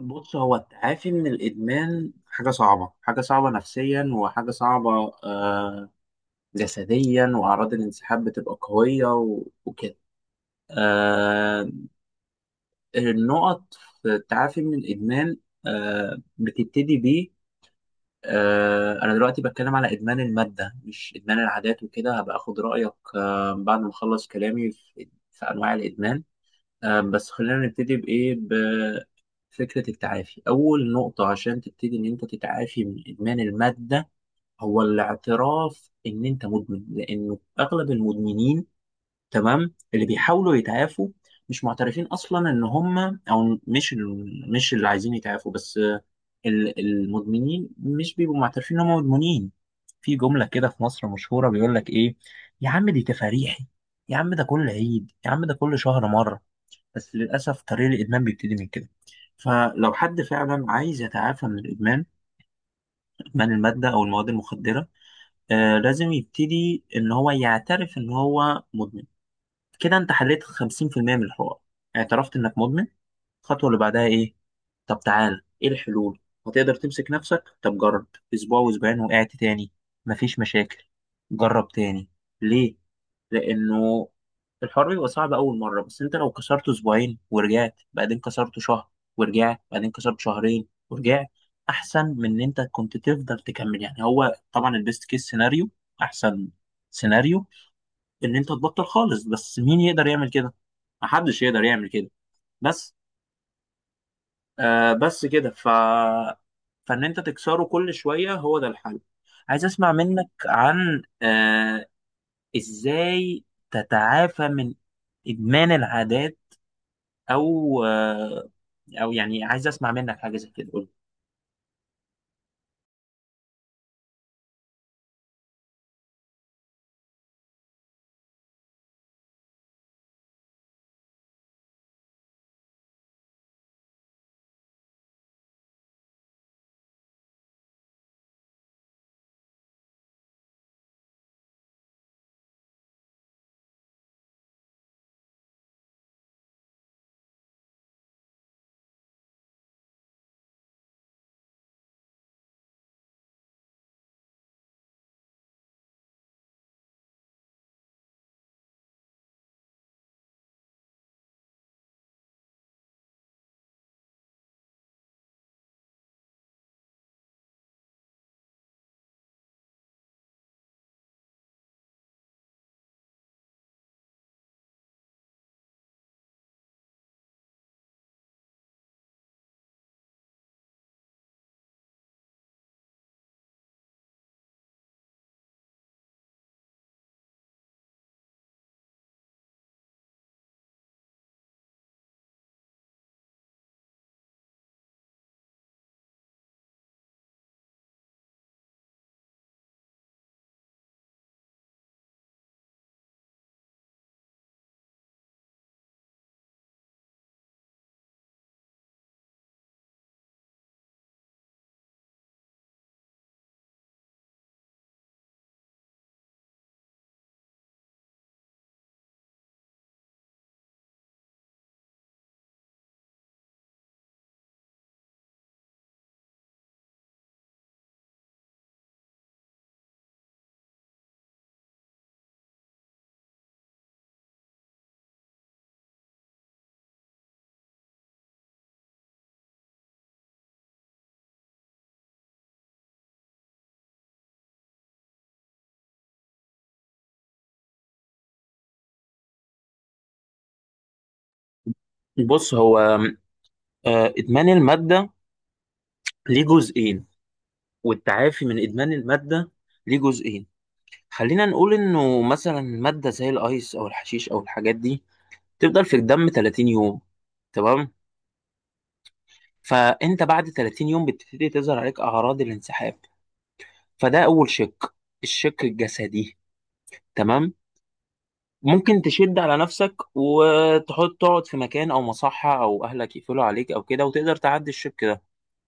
بص، هو التعافي من الإدمان حاجة صعبة، حاجة صعبة نفسيا وحاجة صعبة جسديا، وأعراض الانسحاب بتبقى قوية وكده. آه النقط في التعافي من الإدمان بتبتدي بيه. أنا دلوقتي بتكلم على إدمان المادة مش إدمان العادات وكده، هبقى أخد رأيك بعد ما أخلص كلامي في أنواع الإدمان. بس خلينا نبتدي بإيه، بفكرة التعافي. أول نقطة عشان تبتدي إن أنت تتعافي من إدمان المادة هو الاعتراف إن أنت مدمن، لأنه أغلب المدمنين، تمام، اللي بيحاولوا يتعافوا مش معترفين أصلا إن هم، أو مش اللي عايزين يتعافوا. بس المدمنين مش بيبقوا معترفين إن هم مدمنين. في جملة كده في مصر مشهورة، بيقول لك إيه، يا عم دي تفاريحي، يا عم ده كل عيد، يا عم ده كل شهر مرة. بس للأسف طريق الإدمان بيبتدي من كده. فلو حد فعلا عايز يتعافى من الإدمان، إدمان المادة أو المواد المخدرة، لازم يبتدي إن هو يعترف إن هو مدمن. كده أنت حليت 50% من الحوار، اعترفت إنك مدمن. الخطوة اللي بعدها إيه؟ طب تعال، إيه الحلول؟ هتقدر تمسك نفسك؟ طب جرب. أسبوع وأسبوعين، وقعت تاني، مفيش مشاكل، جرب تاني. ليه؟ لانه الحوار بيبقى صعب اول مره، بس انت لو كسرته اسبوعين ورجعت، بعدين كسرته شهر ورجعت، بعدين كسرت شهرين ورجعت، احسن من ان انت كنت تفضل تكمل. يعني هو طبعا البيست كيس سيناريو، احسن سيناريو، ان انت تبطل خالص، بس مين يقدر يعمل كده؟ محدش يقدر يعمل كده. بس بس كده. فان انت تكسره كل شويه، هو ده الحل. عايز اسمع منك عن ازاي تتعافى من ادمان العادات، او آه، او يعني عايز اسمع منك حاجه زي كده. قول. بص هو ادمان الماده ليه جزئين، والتعافي من ادمان الماده ليه جزئين. خلينا نقول انه مثلا ماده زي الايس او الحشيش او الحاجات دي تفضل في الدم 30 يوم، تمام؟ فانت بعد 30 يوم بتبتدي تظهر عليك اعراض الانسحاب. فده اول شق، الشق الجسدي، تمام. ممكن تشد على نفسك وتحط تقعد في مكان او مصحة او اهلك يقفلوا عليك او كده، وتقدر تعدي الشك ده.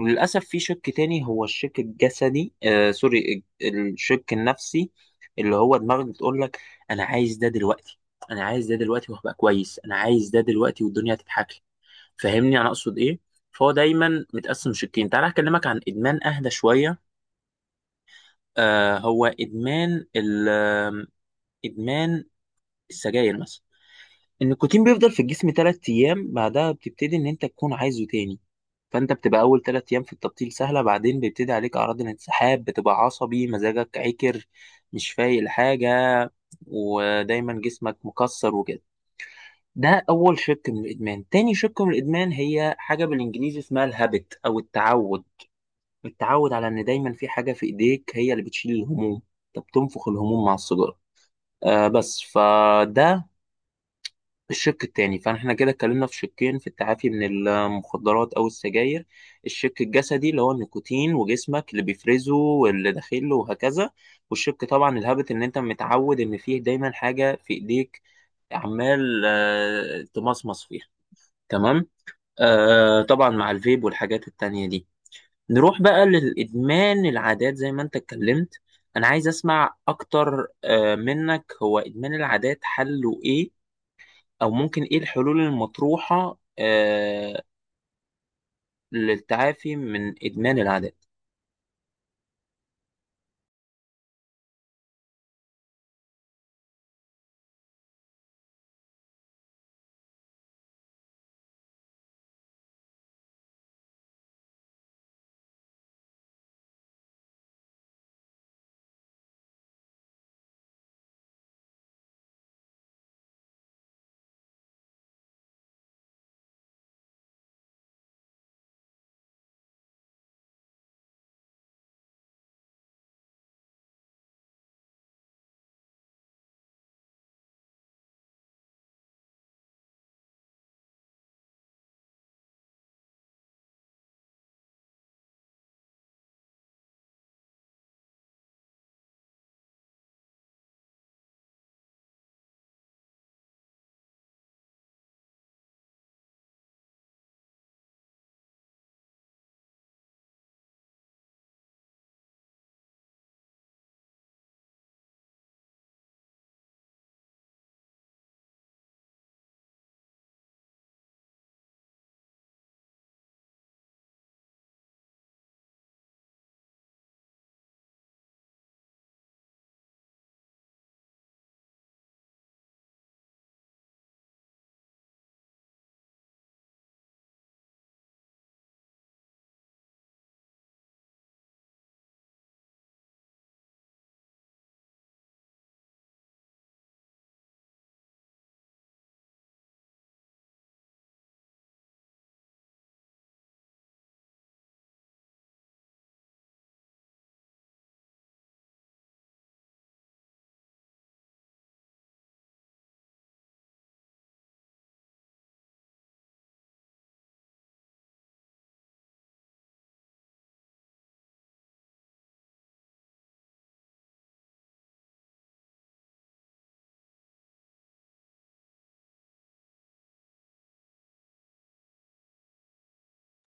وللاسف في شك تاني، هو الشك الجسدي، آه سوري، الشك النفسي، اللي هو دماغك بتقول لك انا عايز ده دلوقتي، انا عايز ده دلوقتي وهبقى كويس، انا عايز ده دلوقتي والدنيا هتضحك لي. فاهمني انا اقصد ايه؟ فهو دايما متقسم شقين. تعالى اكلمك عن ادمان اهدى شوية. هو ادمان ال آه، ادمان السجاير مثلا. ان الكوتين بيفضل في الجسم تلات ايام، بعدها بتبتدي ان انت تكون عايزه تاني. فانت بتبقى اول تلات ايام في التبطيل سهله، بعدين بيبتدي عليك اعراض الانسحاب، بتبقى عصبي، مزاجك عكر، مش فايق لحاجه، ودايما جسمك مكسر وكده. ده اول شق من الادمان. تاني شق من الادمان هي حاجه بالانجليزي اسمها الهابت او التعود، التعود على ان دايما في حاجه في ايديك هي اللي بتشيل الهموم. انت بتنفخ الهموم مع السيجاره. بس فده الشق التاني. فاحنا كده اتكلمنا في شقين في التعافي من المخدرات او السجاير، الشق الجسدي اللي هو النيكوتين وجسمك اللي بيفرزه واللي داخله وهكذا، والشق طبعا الهابت، ان انت متعود ان فيه دايما حاجة في ايديك عمال تمصمص فيها. تمام. آه طبعا مع الفيب والحاجات التانية دي. نروح بقى للإدمان العادات زي ما انت اتكلمت. انا عايز اسمع اكتر منك، هو إدمان العادات حله ايه، او ممكن ايه الحلول المطروحة للتعافي من ادمان العادات.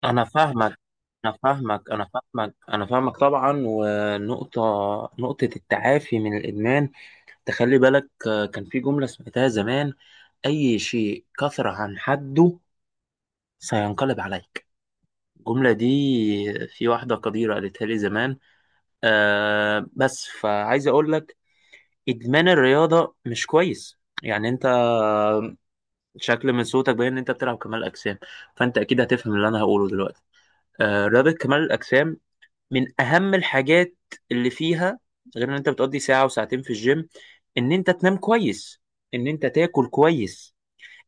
انا فاهمك انا فاهمك انا فاهمك طبعا. ونقطة، نقطة التعافي من الادمان، تخلي بالك، كان في جملة سمعتها زمان، اي شيء كثر عن حده سينقلب عليك. الجملة دي في واحدة قديرة قالتها لي زمان. بس فعايز اقول لك، ادمان الرياضة مش كويس. يعني انت شكل من صوتك باين ان انت بتلعب كمال اجسام، فانت اكيد هتفهم اللي انا هقوله دلوقتي. رياضه كمال الاجسام من اهم الحاجات اللي فيها، غير ان انت بتقضي ساعه وساعتين في الجيم، ان انت تنام كويس، ان انت تاكل كويس.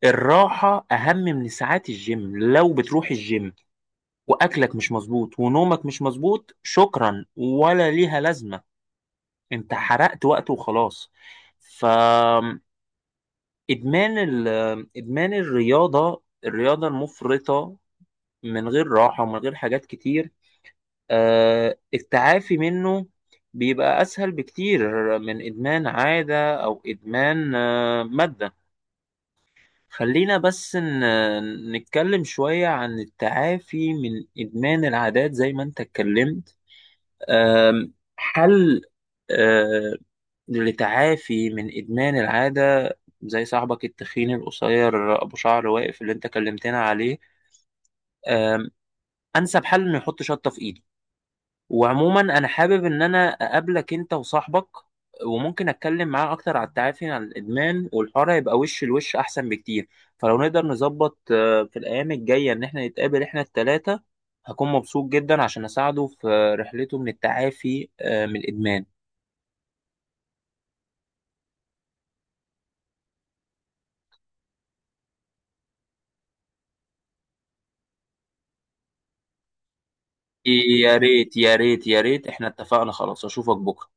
الراحه اهم من ساعات الجيم. لو بتروح الجيم واكلك مش مظبوط ونومك مش مظبوط، شكرا ولا ليها لازمه، انت حرقت وقت وخلاص. ف ادمان ال- ادمان الرياضه، الرياضه المفرطه من غير راحة ومن غير حاجات كتير، التعافي منه بيبقى أسهل بكتير من إدمان عادة أو إدمان مادة. خلينا بس نتكلم شوية عن التعافي من إدمان العادات زي ما أنت اتكلمت. حل، آه، للتعافي من إدمان العادة زي صاحبك التخين القصير أبو شعر واقف اللي أنت كلمتنا عليه، آم، أنسب حل إنه يحط شطة في إيده. وعموما انا حابب ان انا اقابلك انت وصاحبك، وممكن اتكلم معاه اكتر على التعافي عن الادمان، والحوار هيبقى وش لوش احسن بكتير. فلو نقدر نظبط في الايام الجايه ان احنا نتقابل احنا التلاتة، هكون مبسوط جدا عشان اساعده في رحلته من التعافي من الادمان. يا ريت يا ريت يا ريت، احنا اتفقنا خلاص، اشوفك بكره.